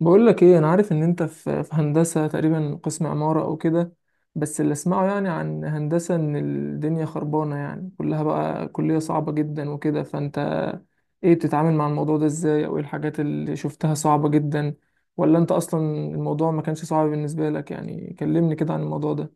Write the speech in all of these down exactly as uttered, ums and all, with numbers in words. بقول لك ايه، انا عارف ان انت في في هندسه تقريبا، قسم عماره او كده. بس اللي اسمعه يعني عن هندسه ان الدنيا خربانه، يعني كلها بقى كليه صعبه جدا وكده، فانت ايه بتتعامل مع الموضوع ده ازاي؟ او ايه الحاجات اللي شفتها صعبه جدا؟ ولا انت اصلا الموضوع ما كانش صعب بالنسبه لك؟ يعني كلمني كده عن الموضوع ده.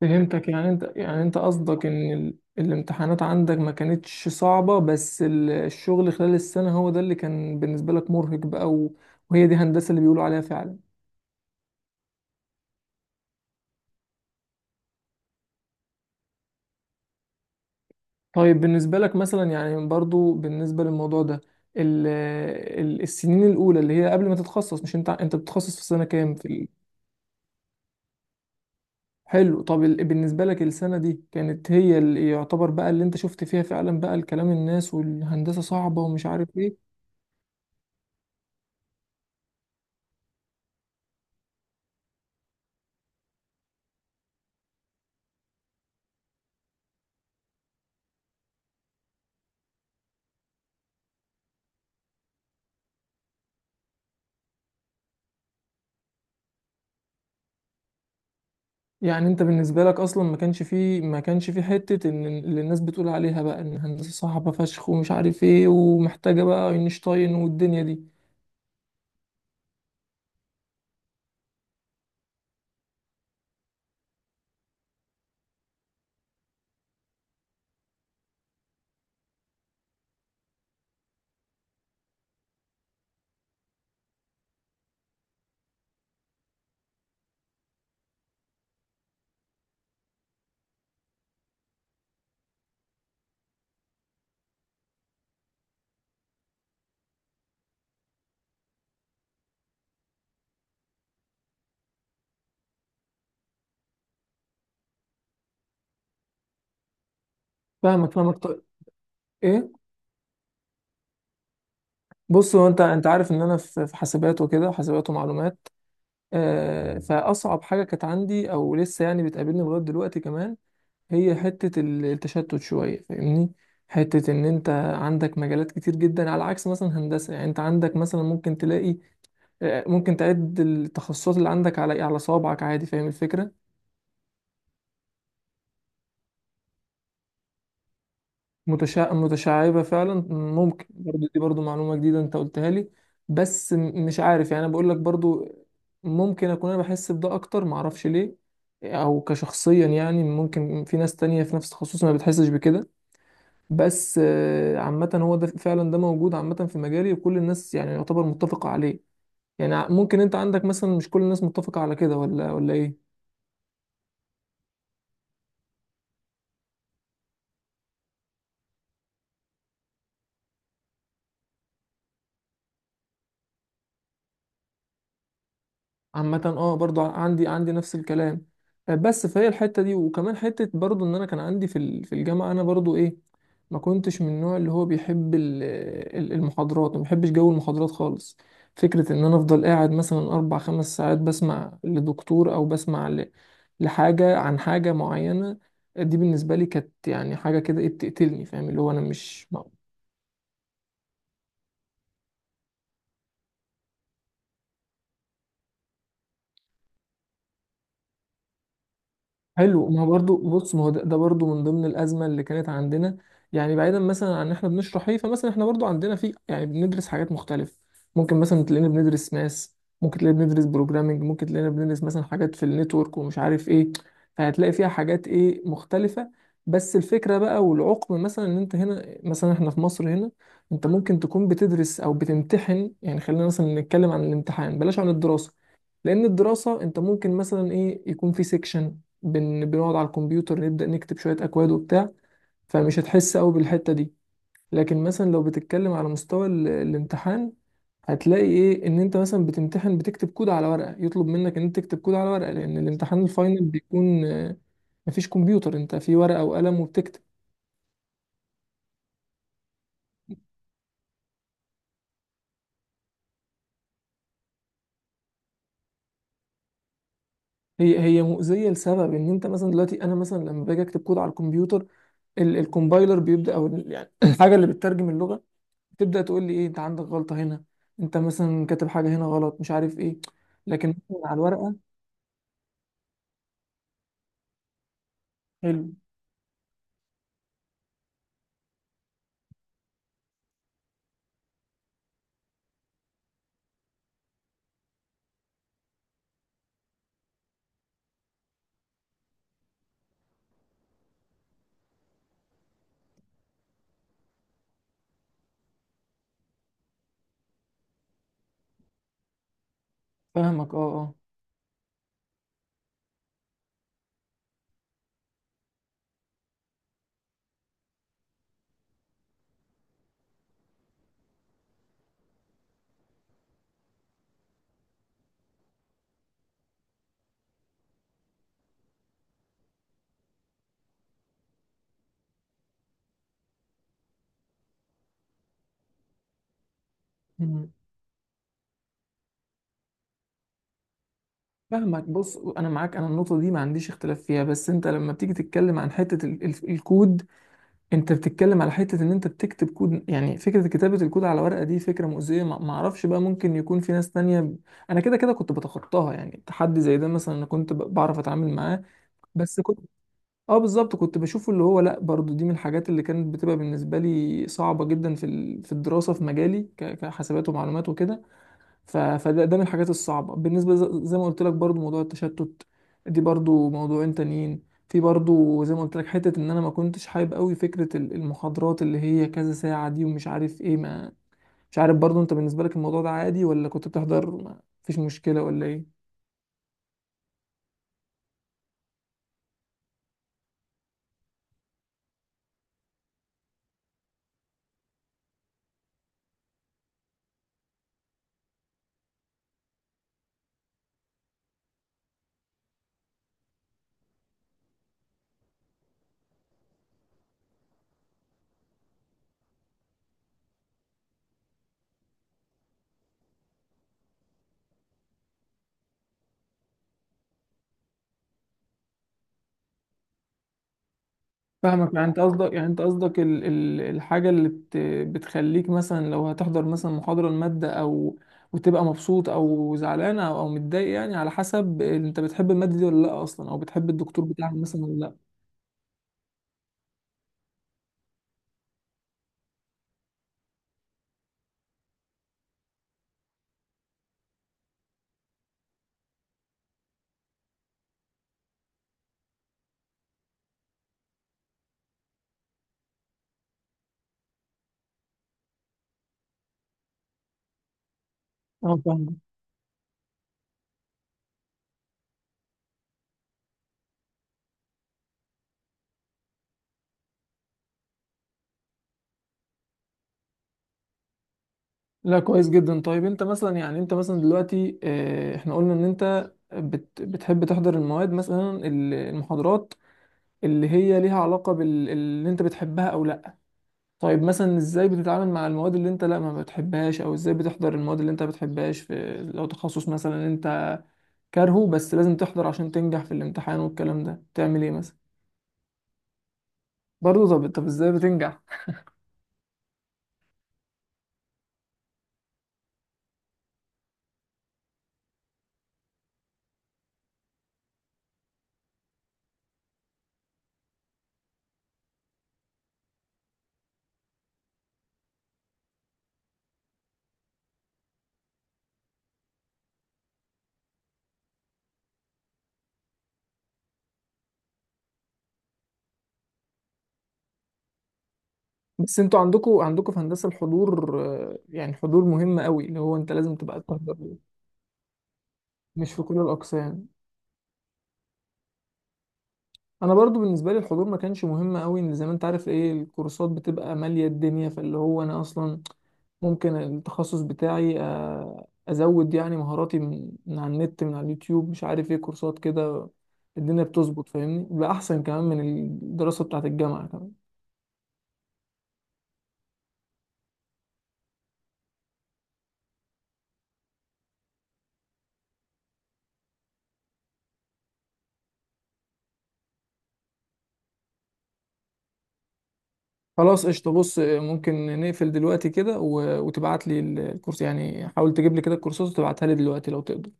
فهمتك، يعني انت يعني انت قصدك ان ال... الامتحانات عندك ما كانتش صعبه، بس ال- الشغل خلال السنه هو ده اللي كان بالنسبه لك مرهق بقى و... وهي دي هندسه اللي بيقولوا عليها فعلا. طيب بالنسبة لك مثلا، يعني برضو بالنسبة للموضوع ده، ال ال السنين الأولى اللي هي قبل ما تتخصص، مش أنت أنت بتتخصص في سنة كام في ال... حلو، طب ال... بالنسبة لك السنة دي كانت هي اللي يعتبر بقى اللي أنت شفت فيها فعلا بقى الكلام، الناس والهندسة صعبة ومش عارف إيه. يعني أنت بالنسبة لك أصلا ما كانش فيه ما كانش فيه حتة إن اللي الناس بتقول عليها بقى إن الهندسة صعبة فشخ ومش عارف إيه ومحتاجة بقى أينشتاين والدنيا دي. فاهمك فاهمك. طيب. إيه؟ بص، هو انت انت عارف ان انا في في حاسبات وكده حاسبات ومعلومات. آه، فاصعب حاجه كانت عندي او لسه يعني بتقابلني لغايه دلوقتي كمان، هي حته ال- التشتت شويه، فاهمني؟ حته ان انت عندك مجالات كتير جدا، على عكس مثلا هندسه. يعني انت عندك مثلا ممكن تلاقي، آه، ممكن تعد التخصصات اللي عندك على على صوابعك عادي، فاهم الفكره؟ متشع... متشعبة فعلا، ممكن برضو دي برضو معلومة جديدة انت قلتها لي. بس م- مش عارف، يعني انا بقول لك برضو ممكن اكون انا بحس بده اكتر، معرفش ليه، او كشخصيا. يعني ممكن في ناس تانية في نفس تخصصي ما بتحسش بكده، بس آه، عامة هو ده فعلا، ده موجود عامة في مجالي، وكل الناس يعني يعتبر متفقة عليه. يعني ع- ممكن انت عندك مثلا مش كل الناس متفقة على كده، ولا ولا ايه؟ عامة اه، برضو عندي عندي نفس الكلام. آه، بس فهي الحتة دي، وكمان حتة برضو ان انا كان عندي في ال- في الجامعة، انا برضو ايه، ما كنتش من النوع اللي هو بيحب ال- ال- المحاضرات، ما بحبش جو المحاضرات خالص. فكرة ان انا افضل قاعد مثلا اربع خمس ساعات بسمع لدكتور او بسمع ل- لحاجة عن حاجة معينة، دي بالنسبة لي كانت يعني حاجة كده ايه، بتقتلني، فاهم؟ اللي هو انا مش ما... حلو. ما هو برضو، بص، ما هو ده, ده برضو من ضمن الازمه اللي كانت عندنا. يعني بعيدا مثلا عن ان احنا بنشرح ايه، فمثلا احنا برضو عندنا في، يعني بندرس حاجات مختلفه. ممكن مثلا تلاقينا بندرس ماس، ممكن تلاقينا بندرس بروجرامنج، ممكن تلاقينا بندرس مثلا حاجات في النتورك ومش عارف ايه. فهتلاقي فيها حاجات ايه، مختلفه. بس الفكره بقى والعقم مثلا ان انت هنا، مثلا احنا في مصر هنا، انت ممكن تكون بتدرس او بتمتحن. يعني خلينا مثلا نتكلم عن الامتحان بلاش عن الدراسه، لان الدراسه انت ممكن مثلا ايه، يكون في سيكشن بن... بنقعد على الكمبيوتر نبدأ نكتب شوية أكواد وبتاع، فمش هتحس قوي بالحتة دي. لكن مثلا لو بتتكلم على مستوى ال... الامتحان، هتلاقي ايه ان انت مثلا بتمتحن، بتكتب كود على ورقة. يطلب منك ان انت تكتب كود على ورقة لأن الامتحان الفاينل بيكون، آه، مفيش كمبيوتر، انت في ورقة وقلم وبتكتب. هي هي مؤذية لسبب ان انت مثلا دلوقتي، انا مثلا لما باجي اكتب كود على الكمبيوتر، ال- الكومبايلر بيبدأ، او ال- يعني الحاجة اللي بتترجم اللغة تبدأ تقول لي ايه، انت عندك غلطة هنا، انت مثلا كاتب حاجة هنا غلط، مش عارف ايه. لكن مثلاً على الورقة... حلو. فاهمك، اه اه. مم. فاهمك. بص، انا معاك، انا النقطة دي ما عنديش اختلاف فيها، بس انت لما بتيجي تتكلم عن حتة ال ال الكود انت بتتكلم على حتة ان انت بتكتب كود. يعني فكرة كتابة الكود على ورقة دي فكرة مؤذية، ما ما اعرفش بقى، ممكن يكون في ناس تانية. انا كده كده كنت بتخطاها، يعني تحدي زي ده مثلا انا كنت ب- بعرف اتعامل معاه، بس اه بالظبط كنت بشوفه اللي هو لا. برضو دي من الحاجات اللي كانت بتبقى بالنسبه لي صعبه جدا في ال- في الدراسه، في مجالي ك- كحسابات ومعلومات وكده. ف- فده ده من الحاجات الصعبه بالنسبه، ز- زي ما قلت لك، برضو موضوع التشتت، دي برضو موضوعين تانيين. في برضو زي ما قلت لك حته ان انا ما كنتش حابب قوي فكره ال- المحاضرات اللي هي كذا ساعه دي ومش عارف ايه ما... مش عارف برضو انت بالنسبه لك الموضوع ده عادي؟ ولا كنت بتحضر ما فيش مشكله ولا ايه؟ فاهمك، يعني انت قصدك يعني انت قصدك ال- ال- الحاجه اللي بت بتخليك مثلا لو هتحضر مثلا محاضره الماده او وتبقى مبسوط او زعلان او او متضايق، يعني على حسب انت بتحب الماده دي ولا لا اصلا، او بتحب الدكتور بتاعك مثلا ولا لا. اه فاهمك. لا، كويس جدا. طيب انت مثلا يعني انت مثلا دلوقتي اه، احنا قلنا ان انت بت بتحب تحضر المواد، مثلا ال- المحاضرات اللي هي ليها علاقه باللي انت بتحبها او لا. طيب مثلا ازاي بتتعامل مع المواد اللي انت لا ما بتحبهاش، او ازاي بتحضر المواد اللي انت ما بتحبهاش في لو تخصص مثلا انت كارهه، بس لازم تحضر عشان تنجح في الامتحان والكلام ده، تعمل ايه مثلا؟ برضه طب طب ازاي بتنجح؟ بس انتوا عندكوا عندكوا في هندسة الحضور آه، يعني حضور مهم قوي، اللي هو انت لازم تبقى تحضر؟ مش في كل الاقسام. انا برضو بالنسبه لي الحضور ما كانش مهم قوي، ان زي ما انت عارف ايه، الكورسات بتبقى ماليه الدنيا، فاللي هو انا اصلا ممكن التخصص بتاعي آه، ازود يعني مهاراتي من من على النت، من على اليوتيوب، مش عارف ايه، كورسات كده الدنيا بتظبط، فاهمني؟ بقى احسن كمان من الدراسه بتاعت الجامعه كمان. خلاص، قشطه. بص، آه، ممكن نقفل دلوقتي كده و- وتبعت لي الكورس، يعني حاول تجيب لي كده الكورسات وتبعتها لي دلوقتي لو تقدر.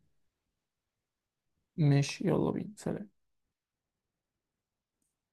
ماشي؟ يلا بينا، سلام.